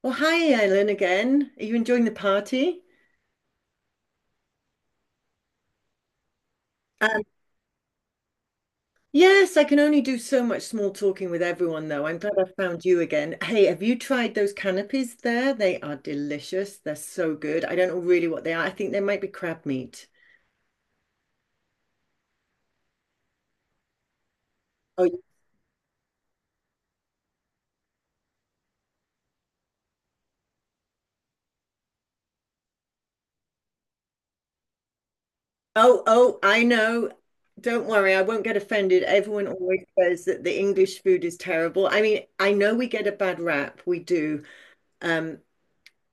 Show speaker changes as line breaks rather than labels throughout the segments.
Well, hi, Ellen again. Are you enjoying the party? Um, yes, I can only do so much small talking with everyone, though. I'm glad I found you again. Hey, have you tried those canapes there? They are delicious. They're so good. I don't know really what they are. I think they might be crab meat. Oh, oh, I know. Don't worry, I won't get offended. Everyone always says that the English food is terrible. I mean, I know we get a bad rap, we do. Um,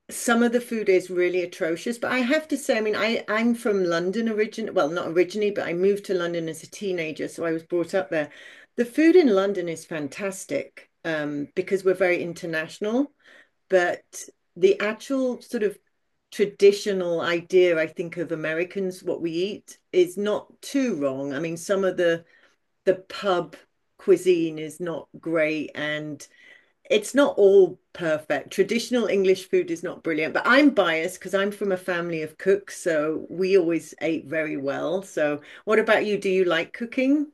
some of the food is really atrocious, but I have to say, I mean, I'm from London origin, well, not originally, but I moved to London as a teenager, so I was brought up there. The food in London is fantastic, because we're very international, but the actual sort of traditional idea, I think, of Americans, what we eat, is not too wrong. I mean, some of the pub cuisine is not great, and it's not all perfect. Traditional English food is not brilliant, but I'm biased because I'm from a family of cooks, so we always ate very well. So, what about you? Do you like cooking?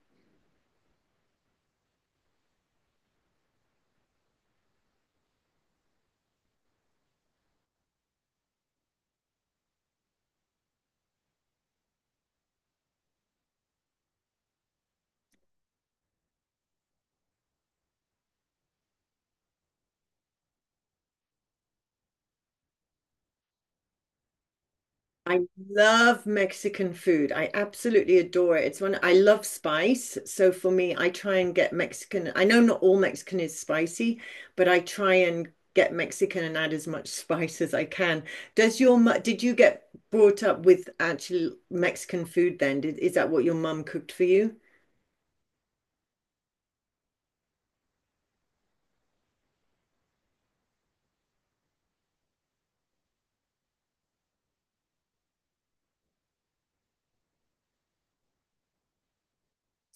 I love Mexican food. I absolutely adore it. It's one I love spice. So for me, I try and get Mexican. I know not all Mexican is spicy, but I try and get Mexican and add as much spice as I can. Did you get brought up with actual Mexican food then? Did, is that what your mum cooked for you?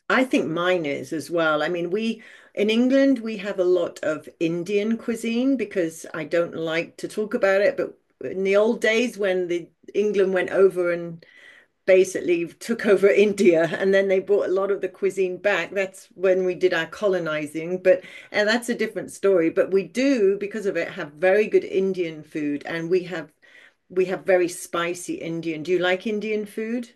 I think mine is as well. I mean, we in England we have a lot of Indian cuisine because I don't like to talk about it, but in the old days when the England went over and basically took over India and then they brought a lot of the cuisine back, that's when we did our colonizing, but and that's a different story, but we do because of it have very good Indian food and we have very spicy Indian. Do you like Indian food?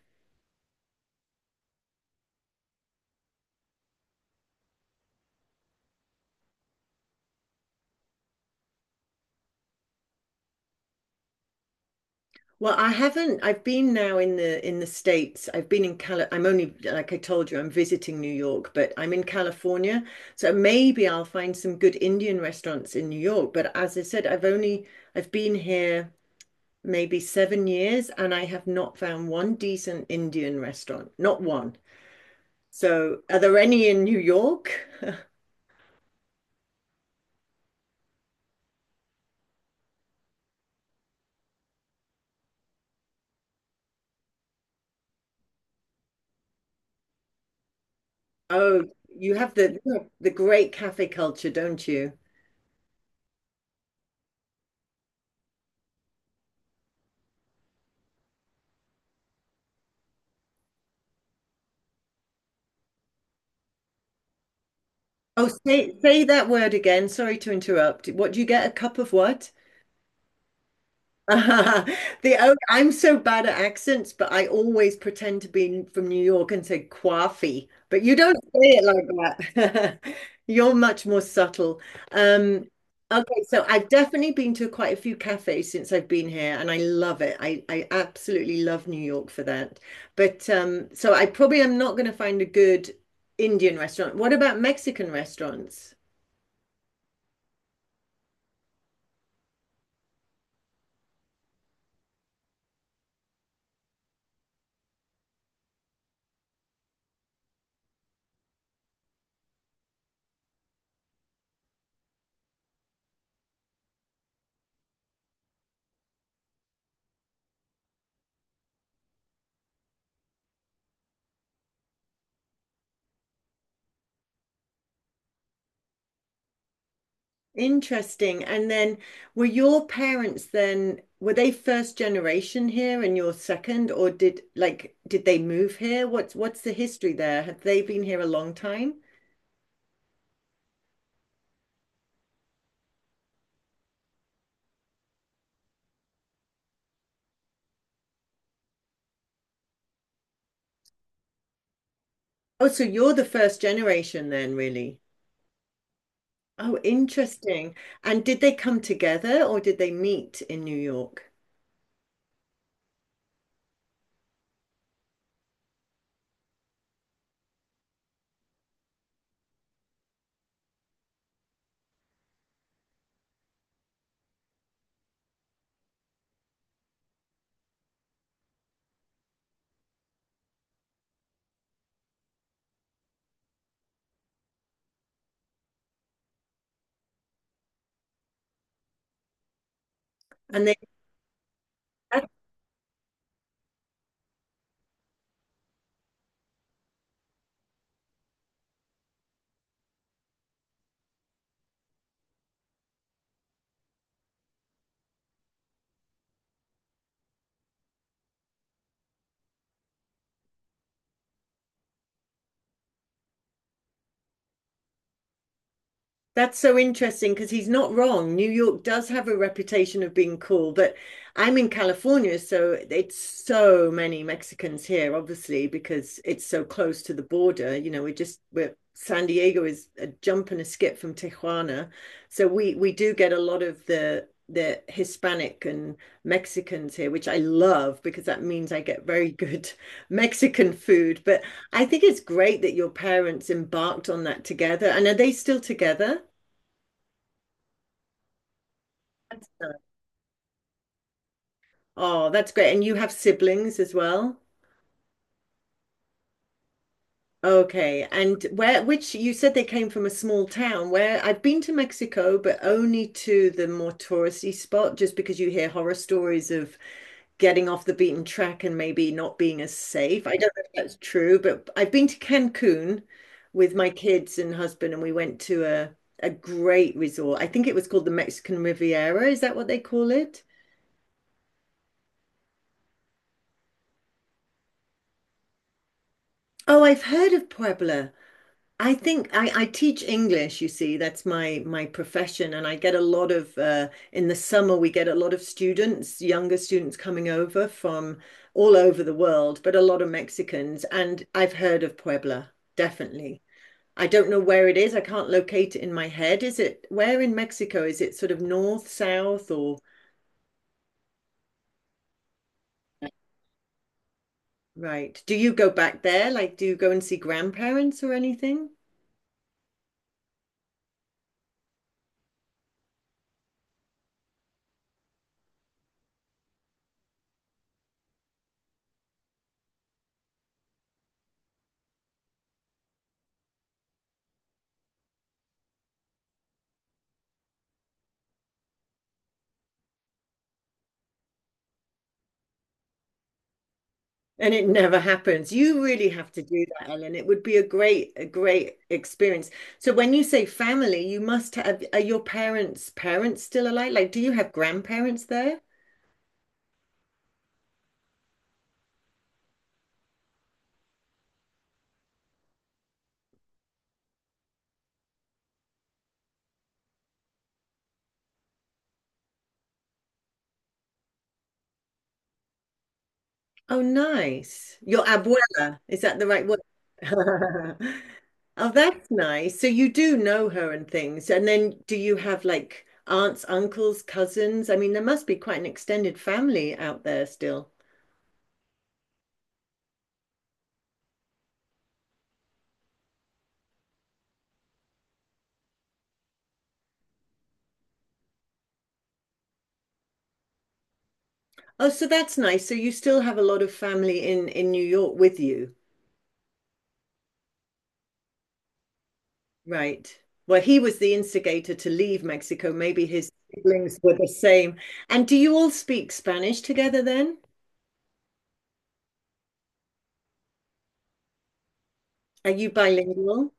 Well, I haven't. I've been now in the States. I've been in Cali. I'm only, like I told you, I'm visiting New York, but I'm in California. So maybe I'll find some good Indian restaurants in New York. But as I said, I've been here maybe 7 years and I have not found one decent Indian restaurant. Not one. So are there any in New York? Oh, you have the great cafe culture, don't you? Oh, say that word again. Sorry to interrupt. What do you get? A cup of what? The oh, I'm so bad at accents, but I always pretend to be from New York and say coffee. But you don't say it like that. You're much more subtle. Um, okay, so I've definitely been to quite a few cafes since I've been here, and I love it. I absolutely love New York for that. But so I probably am not going to find a good Indian restaurant. What about Mexican restaurants? Interesting. And then were your parents then, were they first generation here and you're second, or did like did they move here? What's the history there? Have they been here a long time? Oh, so you're the first generation then, really. Oh, interesting. And did they come together or did they meet in New York? And they had. That's so interesting because he's not wrong. New York does have a reputation of being cool, but I'm in California, so it's so many Mexicans here, obviously, because it's so close to the border. You know, we're just we're San Diego is a jump and a skip from Tijuana. So we do get a lot of the Hispanic and Mexicans here, which I love because that means I get very good Mexican food. But I think it's great that your parents embarked on that together. And are they still together? That's nice. Oh, that's great. And you have siblings as well? Okay. And where, which you said they came from a small town where I've been to Mexico, but only to the more touristy spot, just because you hear horror stories of getting off the beaten track and maybe not being as safe. I don't know if that's true, but I've been to Cancun with my kids and husband, and we went to a great resort. I think it was called the Mexican Riviera. Is that what they call it? Oh, I've heard of Puebla. I teach English, you see, that's my profession, and I get a lot of in the summer we get a lot of students, younger students coming over from all over the world, but a lot of Mexicans, and I've heard of Puebla, definitely. I don't know where it is. I can't locate it in my head. Is it where in Mexico? Is it sort of north, south, or right? Do you go back there? Like, do you go and see grandparents or anything? And it never happens. You really have to do that, Ellen. It would be a great experience. So when you say family, you must have, are your parents' parents still alive? Like, do you have grandparents there? Oh, nice. Your abuela, is that the right word? Oh, that's nice. So you do know her and things. And then do you have like aunts, uncles, cousins? I mean, there must be quite an extended family out there still. Oh, so that's nice. So you still have a lot of family in New York with you. Right. Well, he was the instigator to leave Mexico. Maybe his siblings were the same. And do you all speak Spanish together then? Are you bilingual?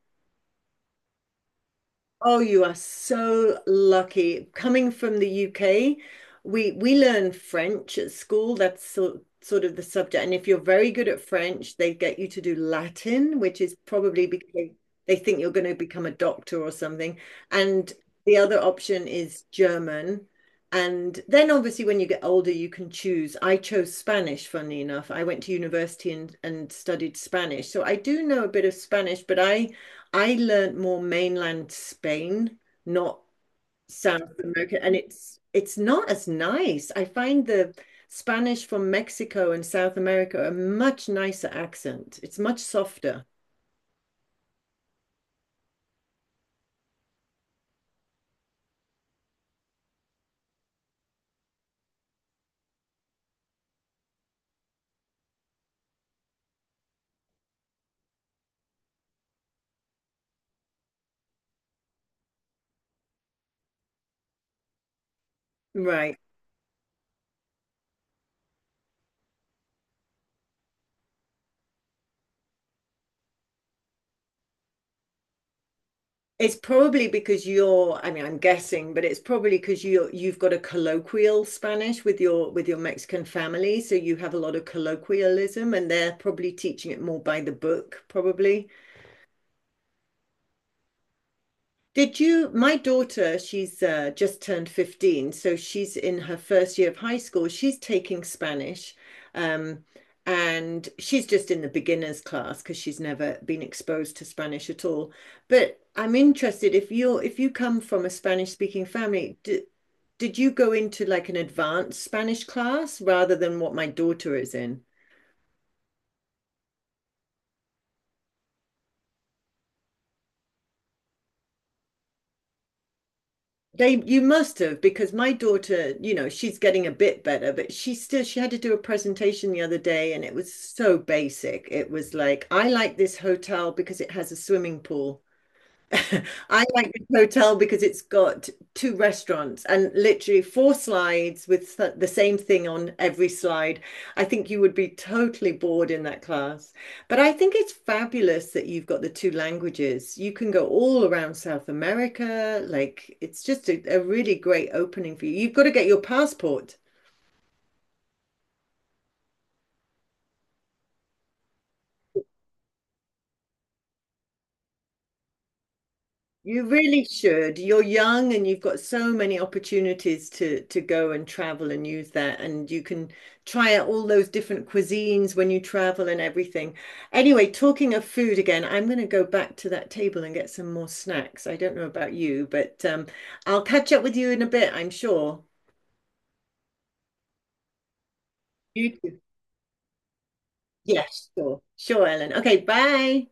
Oh, you are so lucky. Coming from the UK, we learn French at school. That's sort of the subject. And if you're very good at French, they get you to do Latin, which is probably because they think you're going to become a doctor or something. And the other option is German. And then obviously when you get older, you can choose. I chose Spanish, funnily enough. I went to university and studied Spanish. So I do know a bit of Spanish, but I learnt more mainland Spain, not South America, and it's not as nice. I find the Spanish from Mexico and South America a much nicer accent. It's much softer. Right. It's probably because you're, I mean, I'm guessing, but it's probably because you've got a colloquial Spanish with your Mexican family, so you have a lot of colloquialism, and they're probably teaching it more by the book, probably. Did you, my daughter, she's just turned 15, so she's in her first year of high school. She's taking Spanish, um, and she's just in the beginners class because she's never been exposed to Spanish at all. But I'm interested if you're if you come from a Spanish speaking family, d did you go into like an advanced Spanish class rather than what my daughter is in? They, you must have, because my daughter, you know, she's getting a bit better, but she still, she had to do a presentation the other day and it was so basic. It was like, I like this hotel because it has a swimming pool. I like this hotel because it's got two restaurants and literally four slides with the same thing on every slide. I think you would be totally bored in that class. But I think it's fabulous that you've got the two languages. You can go all around South America. Like, it's just a really great opening for you. You've got to get your passport. You really should. You're young and you've got so many opportunities to go and travel and use that and you can try out all those different cuisines when you travel and everything. Anyway, talking of food again, I'm going to go back to that table and get some more snacks. I don't know about you, but I'll catch up with you in a bit, I'm sure. You too. Yes, sure. Sure, Ellen. Okay, bye.